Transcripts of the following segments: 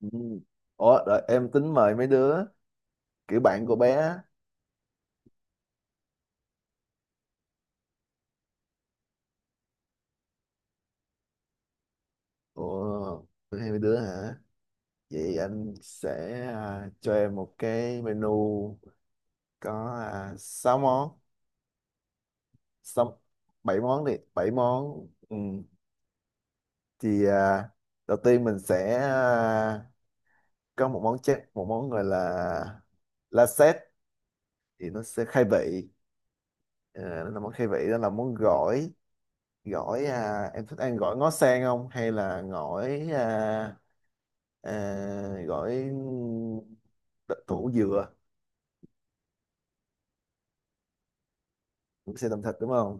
Ừ. Ủa, đợi, em tính mời mấy đứa kiểu bạn của bé á. Ủa, hay mấy đứa hả? Vậy anh sẽ cho em một cái menu có 6 món, 6, 7 món đi, 7 món. Ừ. Thì à, đầu tiên mình sẽ có một món chép, một món gọi là la thì nó sẽ khai vị. Ờ, nó là món khai vị, đó là món gỏi. Gỏi em thích ăn gỏi ngó sen không? Hay là gỏi gọi thủ dừa cũng xe tẩm thịt đúng không,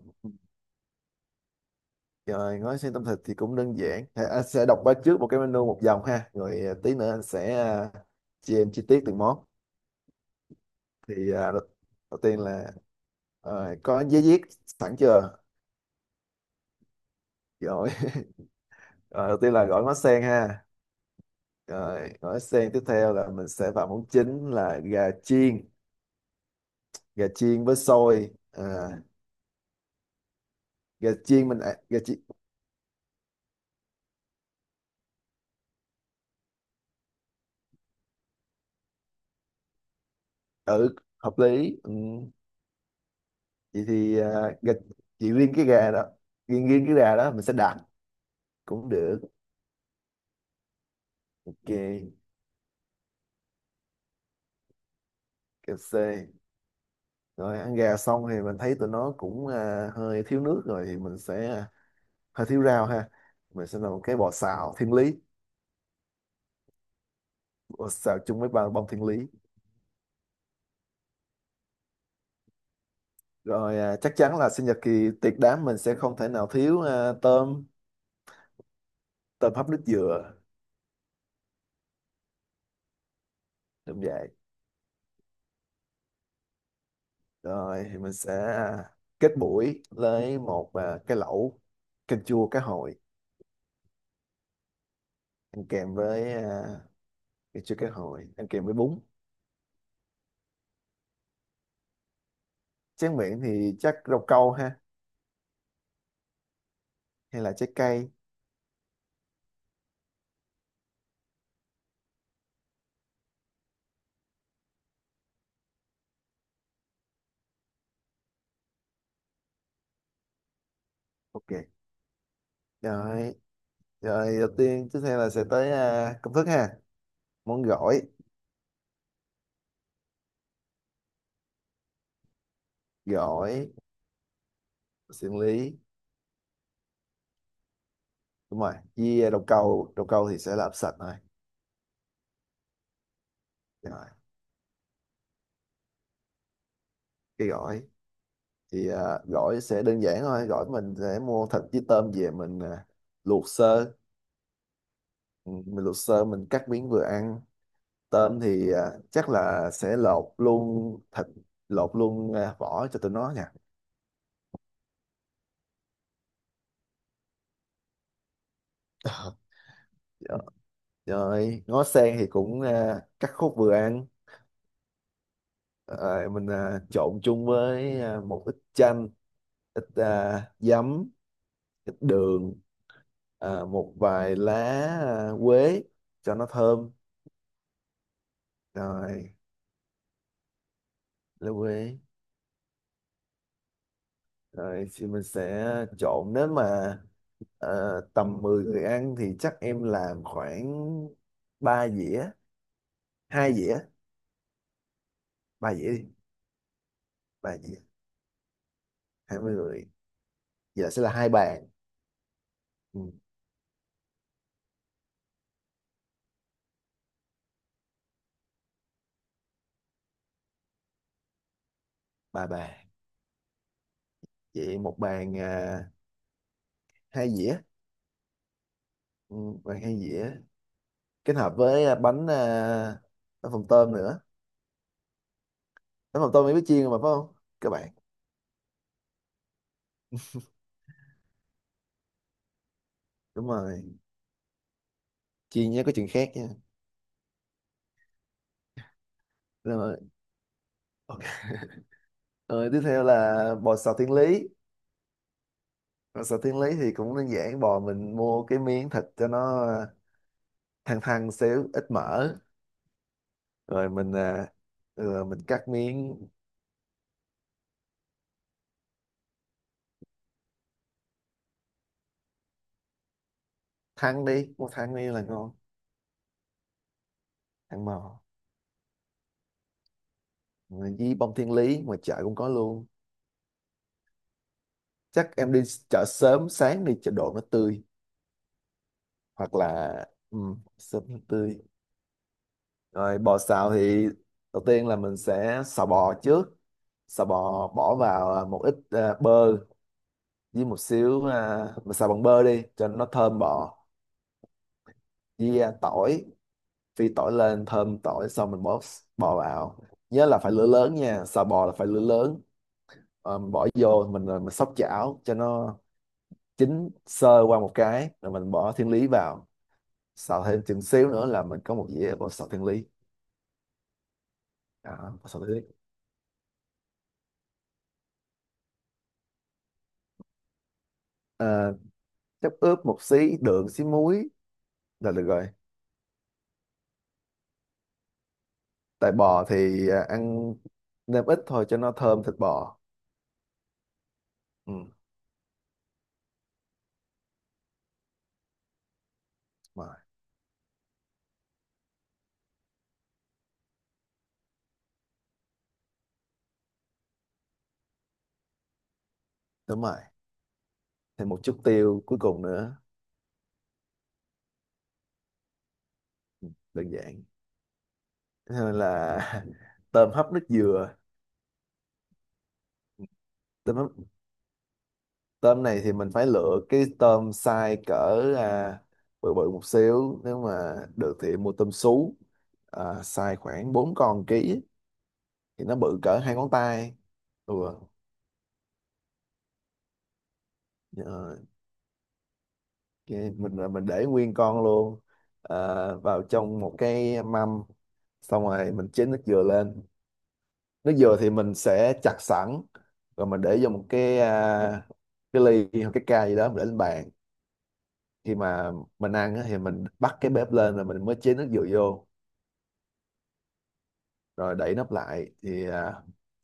rồi gói xe tẩm thịt thì cũng đơn giản. Anh sẽ đọc qua trước một cái menu một dòng ha, rồi tí nữa anh sẽ chia em chi tiết từng món. thì à, đầu, đầu tiên là à, có giấy viết sẵn chưa? Rồi Ờ, đầu tiên là gỏi ngó sen ha, rồi gỏi sen. Tiếp theo là mình sẽ vào món chính là gà chiên, gà chiên với xôi. Gà chiên. Ừ, hợp lý. Ừ. Vậy thì gà, chỉ riêng cái gà đó, riêng riêng cái gà đó mình sẽ đặt cũng được. Ok, kẹp c. Rồi ăn gà xong thì mình thấy tụi nó cũng hơi thiếu nước, rồi thì mình sẽ hơi thiếu rau ha, mình sẽ làm một cái bò xào thiên lý, bò xào chung với ba bông thiên lý. Rồi chắc chắn là sinh nhật kỳ tiệc đám mình sẽ không thể nào thiếu tôm, tôm hấp nước dừa. Đúng vậy. Rồi thì mình sẽ kết buổi với một cái lẩu canh chua cá hồi ăn kèm với thì chưa có hội ăn kèm với bún. Tráng miệng thì chắc rau câu ha, hay là trái cây. Ok. Rồi, rồi đầu tiên, tiếp theo là sẽ tới công thức ha, món gỏi. Gỏi xử lý đúng rồi, với rau câu, rau câu thì sẽ làm sạch thôi. Rồi cái gỏi thì gỏi sẽ đơn giản thôi, gỏi mình sẽ mua thịt với tôm về mình luộc sơ. Ừ, mình luộc sơ mình cắt miếng vừa ăn. Tôm thì chắc là sẽ lột luôn thịt, lột luôn vỏ cho tụi nó nha. Dạ, rồi ngó sen thì cũng cắt khúc vừa ăn. Ờ, mình trộn chung với một ít chanh, ít giấm, ít đường, một vài lá, quế cho nó thơm. Rồi lá quế. Rồi thì mình sẽ trộn. Nếu mà à, tầm 10 người ăn thì chắc em làm khoảng ba dĩa, ba dĩa đi. Ba dĩa. 20 người, giờ sẽ là 2 bàn. Ừ, 3 bàn. Vậy một bàn hai dĩa. Ừ, vàng hai dĩa, kết hợp với bánh phồng tôm nữa. Bánh phồng tôm mới biết chiên mà phải không các bạn? Đúng rồi. Chiên nhé, có chuyện khác nha. Đúng rồi. Ok. Rồi tiếp theo là bò xào thiên lý. Bò xào thiên lý thì cũng đơn giản, bò mình mua cái miếng thịt cho nó thăn, thăn xíu ít mỡ. Rồi mình mình cắt miếng. Thăn đi, mua thăn đi là ngon. Thăn bò. Rồi với bông thiên lý ngoài chợ cũng có luôn. Chắc em đi chợ sớm, sáng đi chợ đồ nó tươi, hoặc là súp tươi. Rồi bò xào thì đầu tiên là mình sẽ xào bò trước. Xào bò bỏ vào một ít bơ, với một xíu mình xào bằng bơ đi cho nó thơm bò, với tỏi, phi tỏi lên thơm tỏi xong mình bỏ bò vào. Nhớ là phải lửa lớn nha, xào bò là phải lửa lớn. Ờ, mình bỏ vô mình mình xóc chảo cho nó chín sơ qua một cái rồi mình bỏ thiên lý vào. Xào thêm chừng xíu nữa là mình có một dĩa bò xào thiên lý. Đó, bò xào thiên lý. Ờ, chắc ướp một xí đường, xí muối là được rồi. Tại bò thì ăn nêm ít thôi cho nó thơm thịt bò. Ừ, mà đúng rồi, thêm một chút tiêu cuối cùng nữa. Đơn giản. Thế nên là tôm hấp nước dừa. Tôm hấp, tôm này thì mình phải lựa cái tôm size cỡ à, bự bự một xíu, nếu mà được thì mua tôm sú size khoảng 4 con/ký, thì nó bự cỡ 2 ngón tay. Ừ. Ờ, cái mình là mình để nguyên con luôn, ờ, vào trong một cái mâm, xong rồi mình chế nước dừa lên. Nước dừa thì mình sẽ chặt sẵn, rồi mình để vô một cái cái ly hoặc cái ca gì đó, mình để lên bàn. Khi mà mình ăn á, thì mình bắt cái bếp lên rồi mình mới chế nước dừa vô, rồi đậy nắp lại thì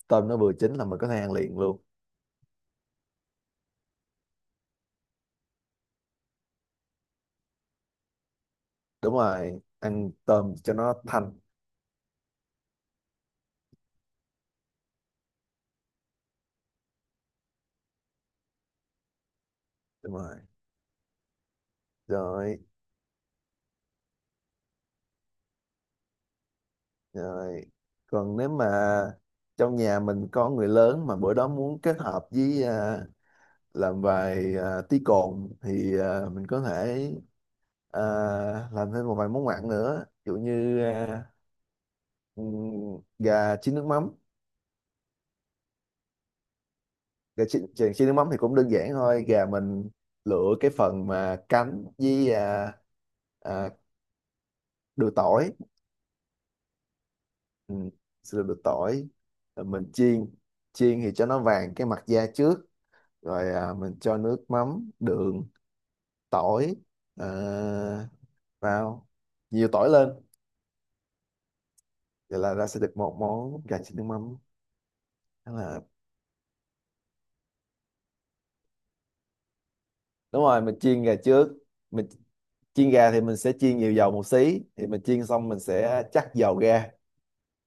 tôm nó vừa chín là mình có thể ăn liền luôn. Đúng rồi, ăn tôm cho nó thanh. Đúng rồi. Rồi. Rồi. Còn nếu mà trong nhà mình có người lớn mà bữa đó muốn kết hợp với làm vài tí cồn thì mình có thể à, làm thêm một vài món mặn nữa. Ví dụ như ừm, gà chiên nước mắm. Gà chiên, chiên chiên nước mắm thì cũng đơn giản thôi. Gà mình lựa cái phần mà cánh với à, đùi tỏi. Ừ, sữa đùi tỏi. Rồi mình chiên. Chiên thì cho nó vàng cái mặt da trước, rồi mình cho nước mắm, đường, tỏi à, vào, nhiều tỏi lên. Vậy là ra sẽ được một món gà chiên nước mắm. Đó là đúng rồi, mình chiên gà trước. Mình chiên gà thì mình sẽ chiên nhiều dầu một xí, thì mình chiên xong mình sẽ chắc dầu ra,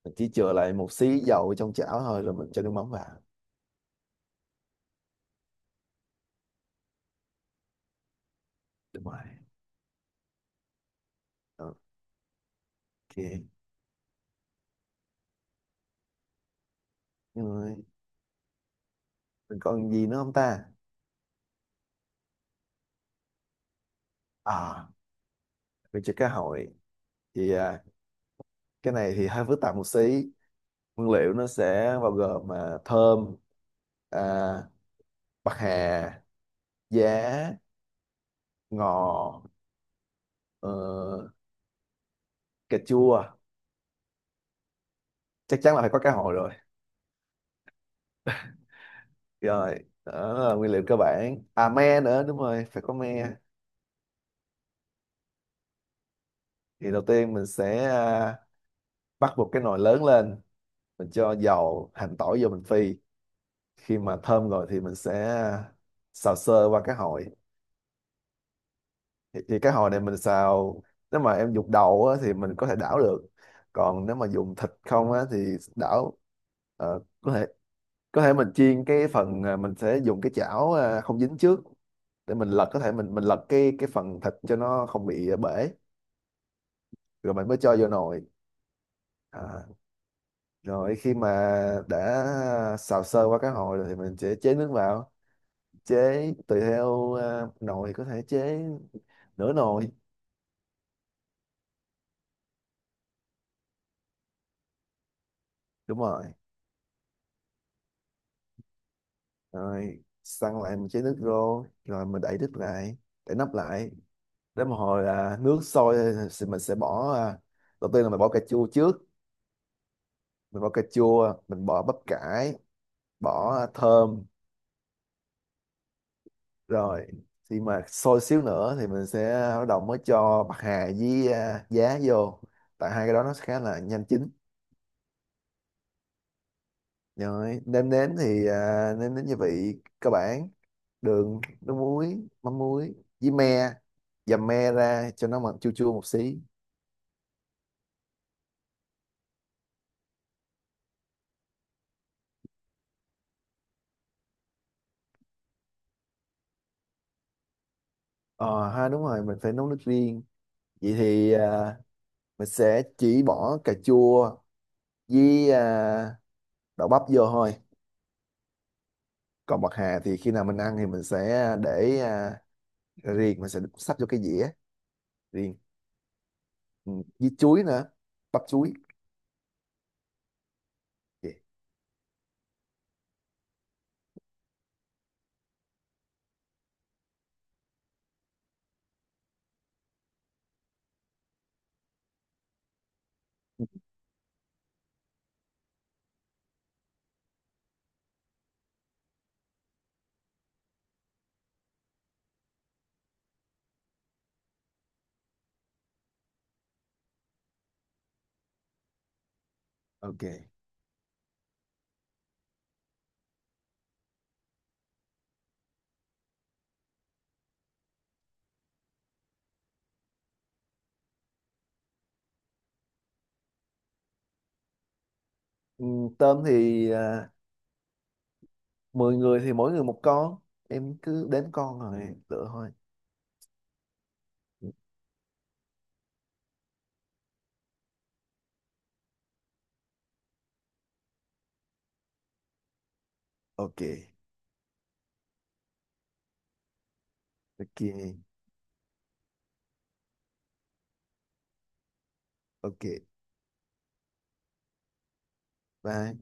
mình chỉ chừa lại một xí dầu trong chảo thôi rồi mình cho nước mắm vào. Đúng rồi. Ok. Rồi mình còn gì nữa không ta? À, mình cho cá hồi thì cái này thì hơi phức tạp một xí. Nguyên liệu nó sẽ bao gồm mà thơm, à, bạc hà, giá, ngò, ờ, cà chua, chắc chắn là phải có cá hồi rồi. Rồi, đó là nguyên liệu cơ bản. À me nữa, đúng rồi phải có me. Thì đầu tiên mình sẽ bắt một cái nồi lớn lên, mình cho dầu hành tỏi vô mình phi. Khi mà thơm rồi thì mình sẽ xào sơ qua cá hồi. Thì cái hồi này mình xào, nếu mà em dùng đầu á, thì mình có thể đảo được, còn nếu mà dùng thịt không á, thì đảo, ờ, có thể, có thể mình chiên cái phần mình sẽ dùng cái chảo không dính trước để mình lật, có thể mình lật cái phần thịt cho nó không bị bể, rồi mình mới cho vô nồi. à, rồi khi mà đã xào sơ qua cái hồi rồi thì mình sẽ chế nước vào, chế tùy theo nồi, có thể chế nửa nồi. Đúng rồi. Rồi săn lại một chén nước rô, rồi mình đậy đít lại, để nắp lại, đến một hồi là nước sôi thì mình sẽ bỏ đầu tiên là mình bỏ cà chua trước, mình bỏ cà chua, mình bỏ bắp cải, bỏ thơm. Rồi khi mà sôi xíu nữa thì mình sẽ bắt đầu mới cho bạc hà với giá vô, tại hai cái đó nó khá là nhanh chín. Rồi nêm nếm thì nêm nếm gia vị cơ bản, đường, nước muối, mắm muối, với me, dầm me ra cho nó mặn chua chua một xí. Ờ ha, đúng rồi mình phải nấu nước riêng. Vậy thì mình sẽ chỉ bỏ cà chua với đậu bắp vô thôi. Còn bạc hà thì khi nào mình ăn thì mình sẽ để riêng, mình sẽ sắp vô cái dĩa riêng. Ừ, với chuối nữa, bắp chuối. Ok. Ok. Ừ, tôm thì 10 người thì mỗi người một con, em cứ đếm con rồi lựa thôi. Ok. Ok. Ok, bye.